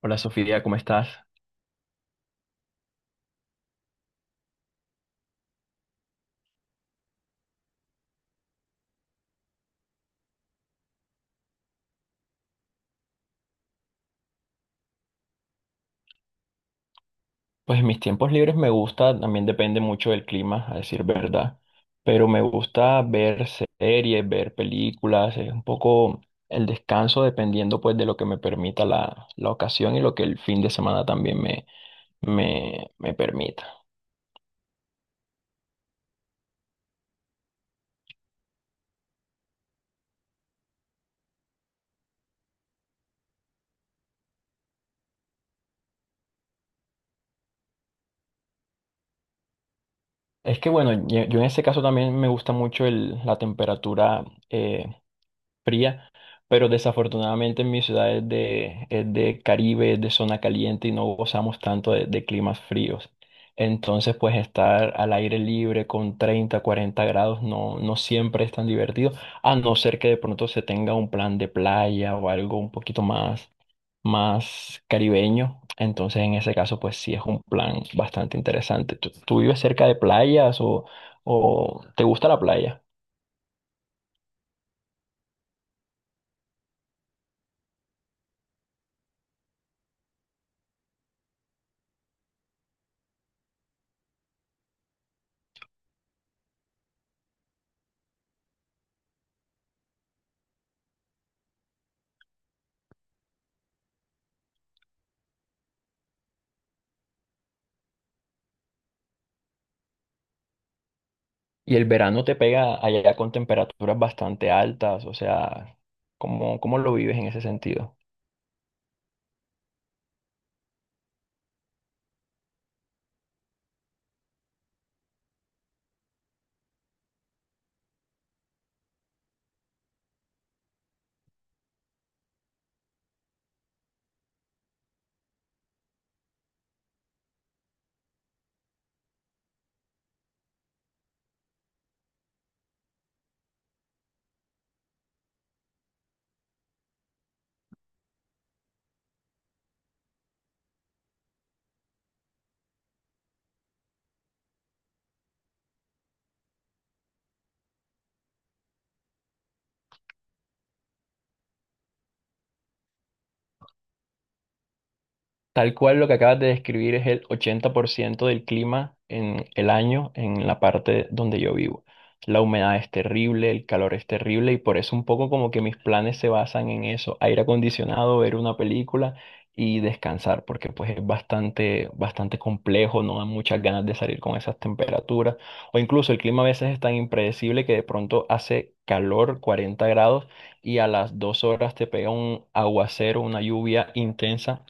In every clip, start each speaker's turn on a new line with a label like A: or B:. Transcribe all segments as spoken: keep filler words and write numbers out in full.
A: Hola Sofía, ¿cómo estás? Pues en mis tiempos libres me gusta, también depende mucho del clima, a decir verdad, pero me gusta ver series, ver películas, es un poco el descanso dependiendo pues de lo que me permita la, la ocasión y lo que el fin de semana también me, me, me permita. Es que bueno, yo yo en ese caso también me gusta mucho el- la temperatura eh, fría, pero desafortunadamente en mi ciudad es de, es de Caribe, es de zona caliente y no gozamos tanto de, de climas fríos. Entonces, pues estar al aire libre con treinta, cuarenta grados no, no siempre es tan divertido, a no ser que de pronto se tenga un plan de playa o algo un poquito más, más caribeño. Entonces, en ese caso, pues sí es un plan bastante interesante. ¿Tú, tú vives cerca de playas o, o te gusta la playa? Y el verano te pega allá con temperaturas bastante altas, o sea, ¿cómo, ¿cómo lo vives en ese sentido? Tal cual lo que acabas de describir es el ochenta por ciento del clima en el año en la parte donde yo vivo. La humedad es terrible, el calor es terrible y por eso un poco como que mis planes se basan en eso, aire acondicionado, ver una película y descansar, porque pues es bastante, bastante complejo, no dan muchas ganas de salir con esas temperaturas o incluso el clima a veces es tan impredecible que de pronto hace calor, cuarenta grados y a las dos horas te pega un aguacero, una lluvia intensa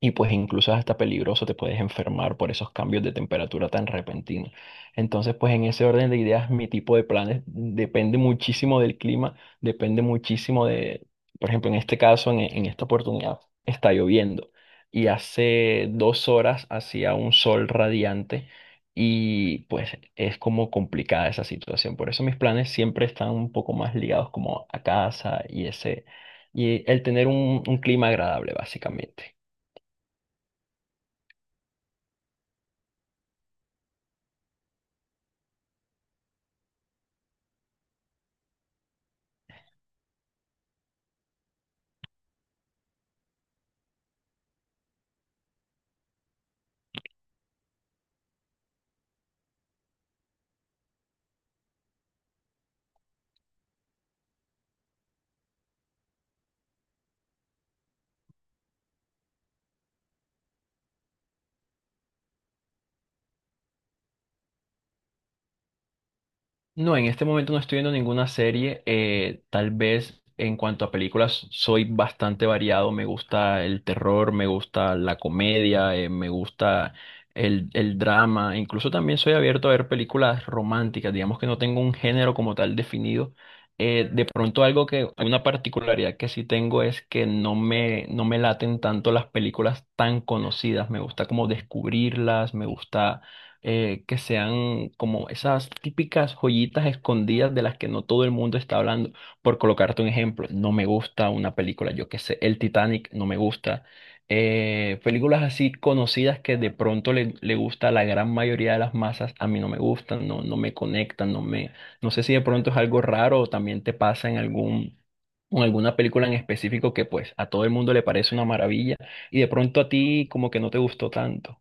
A: y pues incluso es hasta peligroso, te puedes enfermar por esos cambios de temperatura tan repentinos. Entonces, pues en ese orden de ideas, mi tipo de planes depende muchísimo del clima, depende muchísimo de, por ejemplo, en este caso, en, en esta oportunidad, está lloviendo. Y hace dos horas hacía un sol radiante y pues es como complicada esa situación. Por eso mis planes siempre están un poco más ligados como a casa y ese, y el tener un un clima agradable, básicamente. No, en este momento no estoy viendo ninguna serie. Eh, tal vez en cuanto a películas soy bastante variado. Me gusta el terror, me gusta la comedia, eh, me gusta el, el drama. Incluso también soy abierto a ver películas románticas. Digamos que no tengo un género como tal definido. Eh, de pronto algo que, una particularidad que sí tengo es que no me, no me laten tanto las películas tan conocidas. Me gusta como descubrirlas, me gusta eh, que sean como esas típicas joyitas escondidas de las que no todo el mundo está hablando. Por colocarte un ejemplo, no me gusta una película, yo qué sé, El Titanic no me gusta. Eh, películas así conocidas que de pronto le, le gusta a la gran mayoría de las masas, a mí no me gustan, no, no me conectan, no me, no sé si de pronto es algo raro o también te pasa en algún, en alguna película en específico que pues a todo el mundo le parece una maravilla y de pronto a ti como que no te gustó tanto.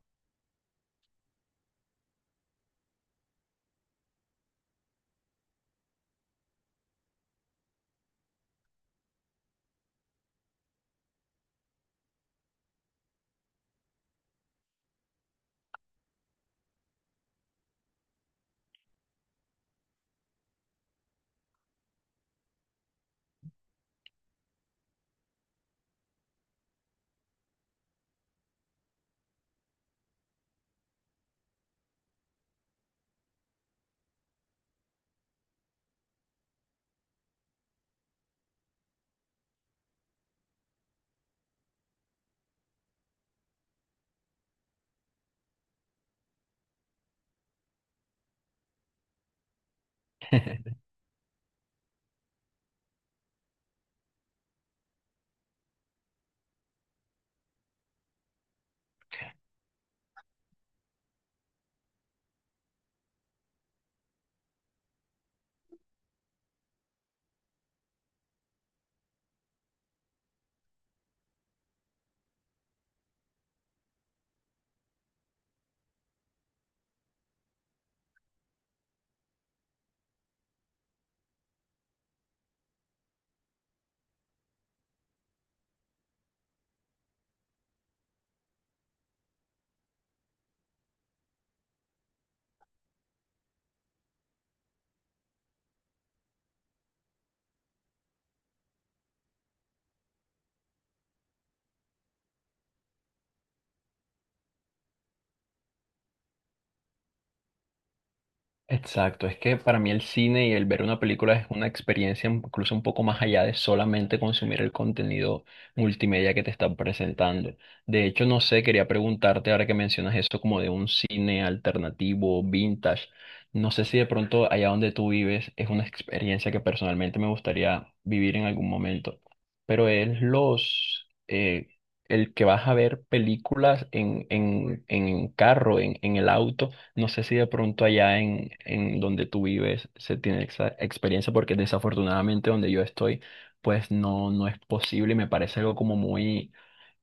A: Exacto, es que para mí el cine y el ver una película es una experiencia incluso un poco más allá de solamente consumir el contenido multimedia que te están presentando. De hecho, no sé, quería preguntarte ahora que mencionas eso como de un cine alternativo, vintage. No sé si de pronto allá donde tú vives es una experiencia que personalmente me gustaría vivir en algún momento, pero es los... eh, el que vas a ver películas en, en, en carro, en, en el auto, no sé si de pronto allá en, en donde tú vives se tiene esa experiencia, porque desafortunadamente donde yo estoy, pues no, no es posible y me parece algo como muy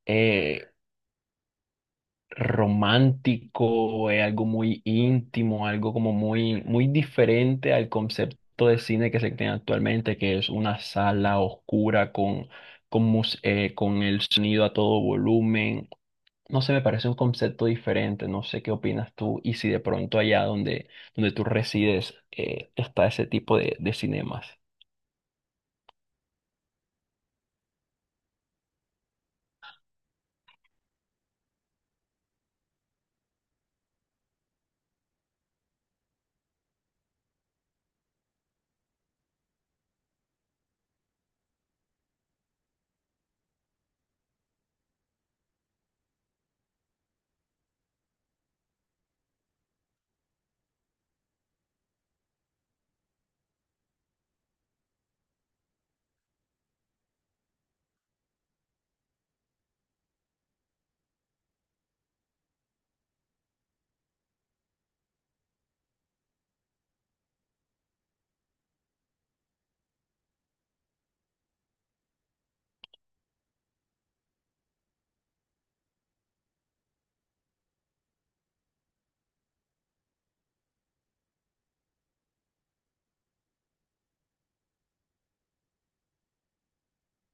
A: eh, romántico, eh, algo muy íntimo, algo como muy, muy diferente al concepto de cine que se tiene actualmente, que es una sala oscura con, con, mus- eh, con el sonido a todo volumen, no sé, me parece un concepto diferente, no sé qué opinas tú y si de pronto allá donde, donde tú resides eh, está ese tipo de, de cinemas.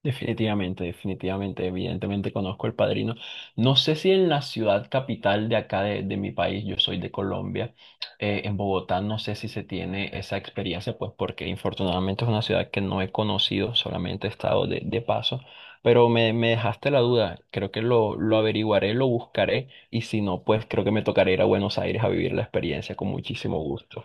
A: Definitivamente, definitivamente, evidentemente conozco El Padrino. No sé si en la ciudad capital de acá de, de mi país, yo soy de Colombia, eh, en Bogotá no sé si se tiene esa experiencia, pues porque infortunadamente es una ciudad que no he conocido, solamente he estado de, de paso, pero me, me dejaste la duda, creo que lo, lo averiguaré, lo buscaré y si no, pues creo que me tocará ir a Buenos Aires a vivir la experiencia con muchísimo gusto.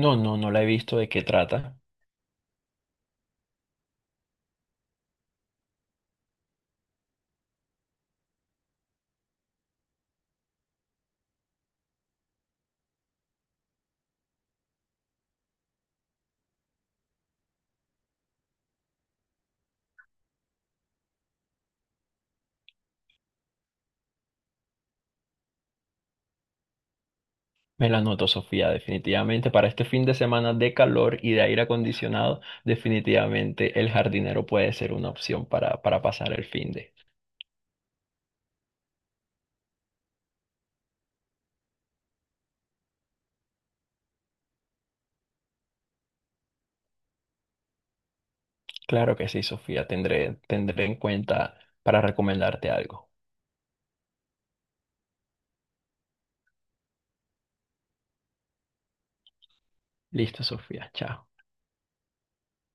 A: No, no, no la he visto, ¿de qué trata? Me la anoto, Sofía, definitivamente. Para este fin de semana de calor y de aire acondicionado, definitivamente el jardinero puede ser una opción para, para pasar el fin de. Claro que sí, Sofía, tendré, tendré en cuenta para recomendarte algo. Listo, Sofía, chao.